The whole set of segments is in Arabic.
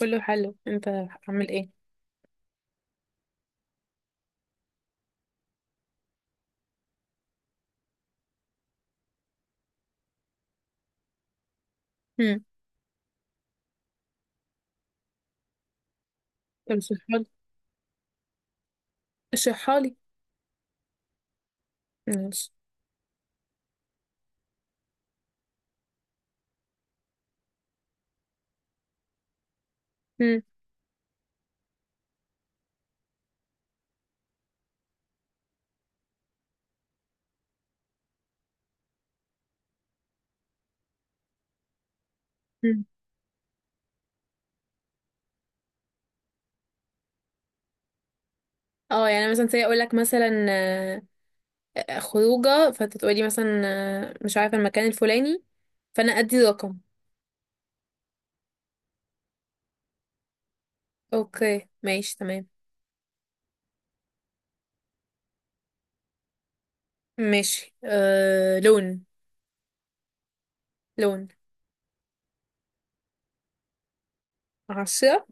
كله حلو، انت عامل ايه؟ هم. طب اشرحلي، اشرحلي. ماشي. هم. هم. اه يعني مثلا زي اقول لك مثلا خروجه، فانت تقولي مثلا مش عارفه المكان الفلاني، فانا ادي رقم. اوكي ماشي تمام. ماشي لون. لون. عشرة.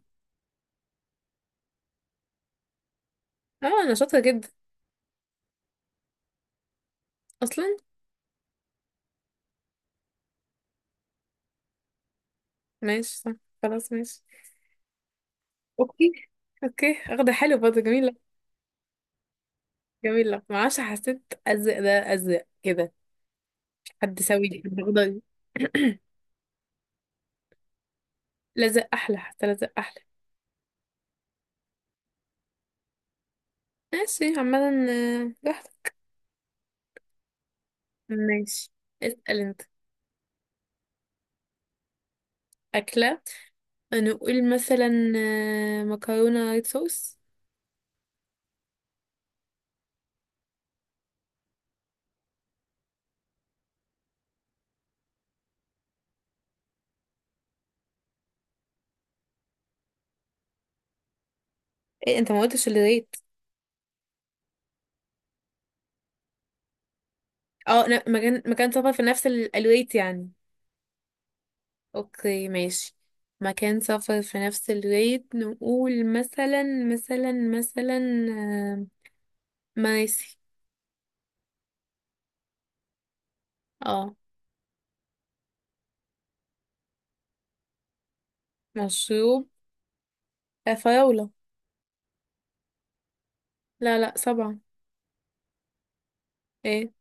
اه انا شاطره جدا اصلا. ماشي صح. خلاص ماشي. اوكي. اوكي اخده حلو برضه، جميله. جميله، معرفش، حسيت ازرق ده ازرق كده. حد سوي لي. لزق احلى، حتى لزق احلى. ماشي عمدا. واحدة. ماشي. اسأل انت. أكلة. نقول مثلا مكرونة ريد صوص. ايه انت ما قلتش الريت؟ اه لا، مكان سفر في نفس الريت يعني. اوكي ماشي. مكان سفر في نفس الريت. نقول مثلا مثلا مثلا مراسي. اه. مشروب. فراولة. لا، لا، سبعة. ايه.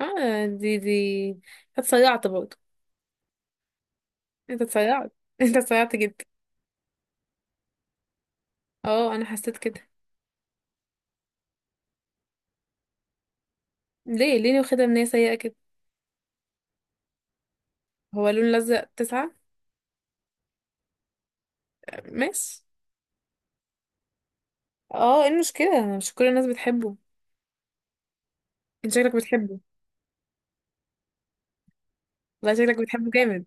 اه دي هتسرعت برضه. انت اتسيعت انت اتسيعت جدا. اه انا حسيت كده. ليه، ليه واخدها من هي سيئة كده؟ هو لون لزق تسعة. ماشي. اه ايه المشكلة؟ مش كل الناس بتحبه. انت شكلك بتحبه. والله شكلك بتحبه جامد.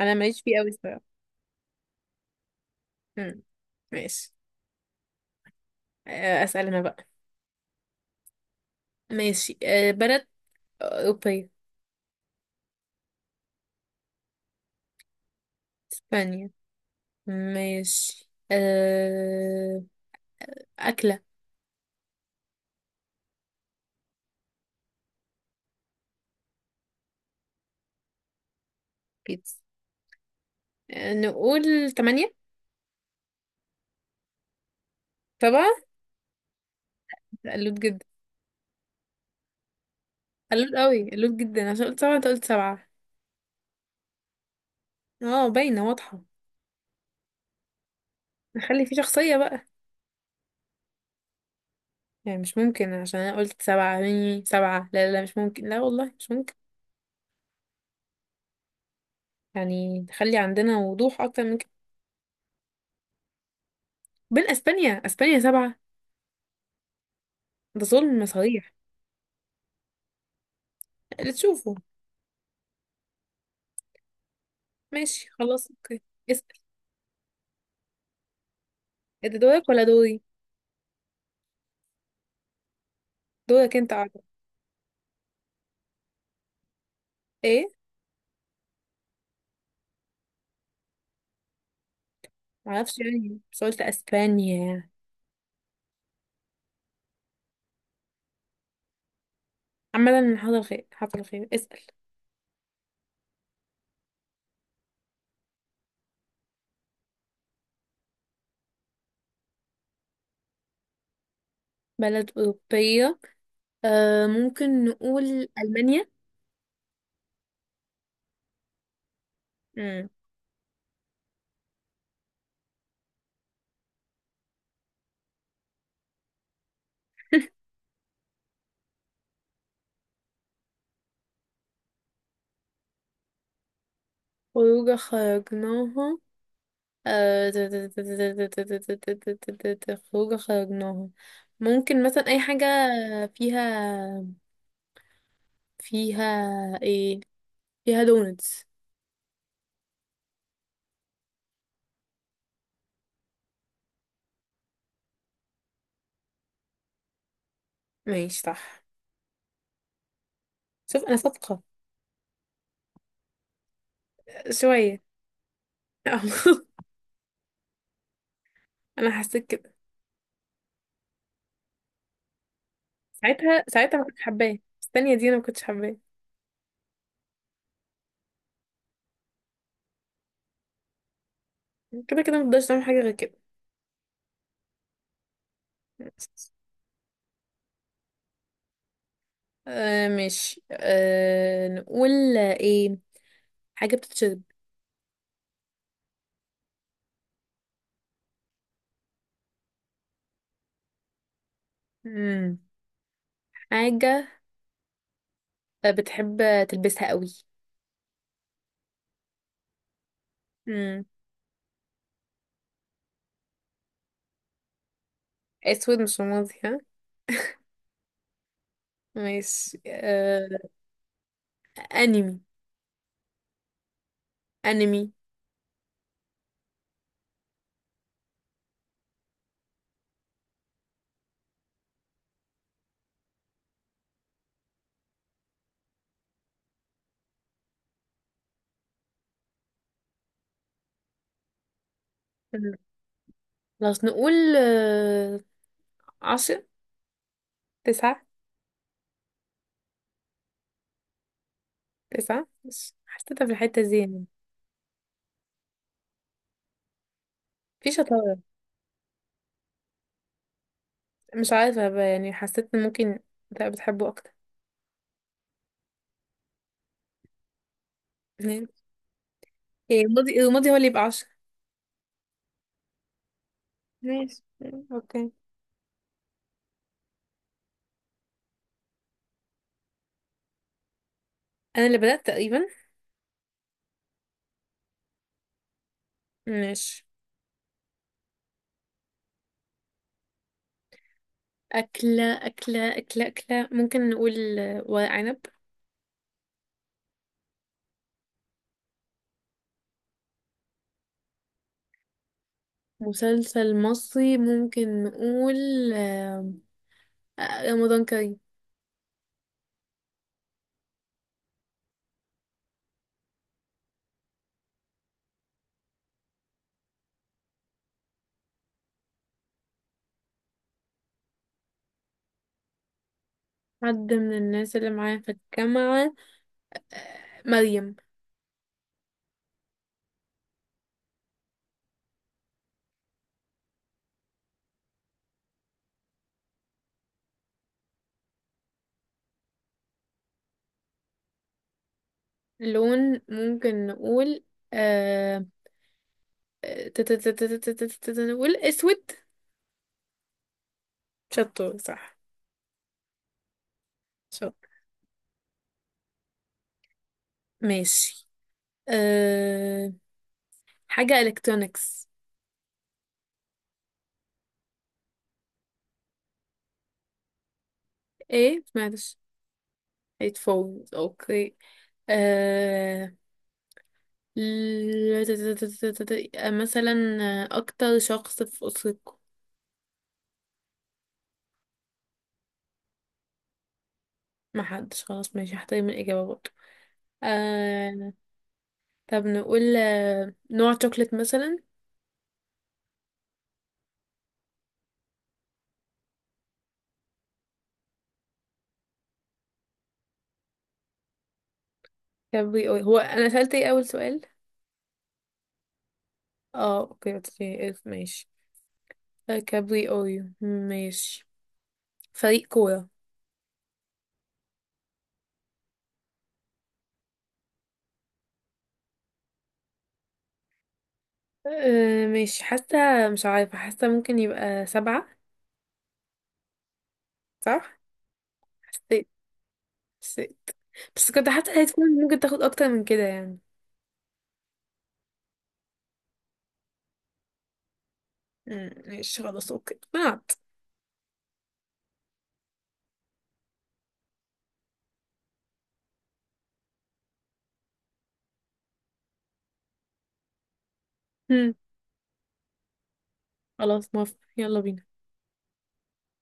انا ماليش فيه قوي الصراحة. مم. ماشي. اسأل انا بقى. ماشي بلد اوروبية. اسبانيا. ماشي. أكلة. بيتزا. نقول تمانية. سبعة. قلوت جدا. قلوت قوي، قلوت جدا عشان قلت سبعة، انت قلت سبعة. اه باينة واضحة. نخلي فيه شخصية بقى. يعني مش ممكن عشان انا قلت سبعة مني سبعة، لا لا لا مش ممكن، لا والله مش ممكن. يعني نخلي عندنا وضوح اكتر من كده. بين اسبانيا، اسبانيا سبعة. ده ظلم صريح. اللي تشوفه. ماشي خلاص اوكي. اسأل. إيه ده، دورك ولا دوري؟ دورك انت عارف. ايه، معرفش يعني، بس قلت اسبانيا يعني. عامة حصل خير، حصل خير. اسأل. بلد أوروبية. ممكن نقول ألمانيا. مم. خروجة خرجناها. خروجة خرجناها. ممكن مثلا أي حاجة فيها. فيها ايه؟ فيها دونتس. ماشي صح. شوف أنا صادقة. شوية. أنا حسيت كده. ساعتها، ساعتها ما كنتش حباه. الثانية دي أنا ما كنتش حباه. كده كده مقدرش نعمل حاجة غير كده. ماشي نقول ايه؟ حاجة بتتشرب. مم. حاجة بتحب تلبسها قوي. اسود مش رمادي، ها. ماشي. آه... انمي. انمي. خلاص نقول عشرة. تسعة. تسعة مش حسيتها في الحتة دي يعني. في شطارة. مش عارفة بقى يعني، حسيت ان ممكن تبقى بتحبه اكتر. ماشي. ايه، الماضي، الماضي هو اللي يبقى عشرة. ماشي اوكي. انا اللي بدأت تقريبا. ماشي. أكلة أكلة أكلة أكلة. ممكن نقول ورق عنب. مسلسل مصري ممكن نقول آه، رمضان كريم. حد من الناس اللي معايا في الجامعة. مريم. لون، ممكن نقول آه... نقول اسود. شطور صح. شطور. ماشي آه... حاجة الكترونيكس. ايه معلش. هيتفوز اوكي. آه... ل- ت- ت- ت- ت- ت- ت- مثلا اكتر شخص في اسرتكم. ما حدش، خلاص ماشي، هحترم الاجابه برضه. آه... طب نقول نوع شوكليت مثلا. كان بي هو، انا سألت ايه اول سؤال؟ اه اوكي، اوكي، إيه، إيه، ماشي. كابري اويو ماشي. فريق كورة. ماشي، حاسة مش عارفة، حاسة ممكن يبقى سبعة. صح. حسيت. حسيت. بس كنت حاسة هيدفون ممكن تاخد اكتر من كده يعني. مم. ماشي خلاص اوكي مات. خلاص موافقة يلا بينا.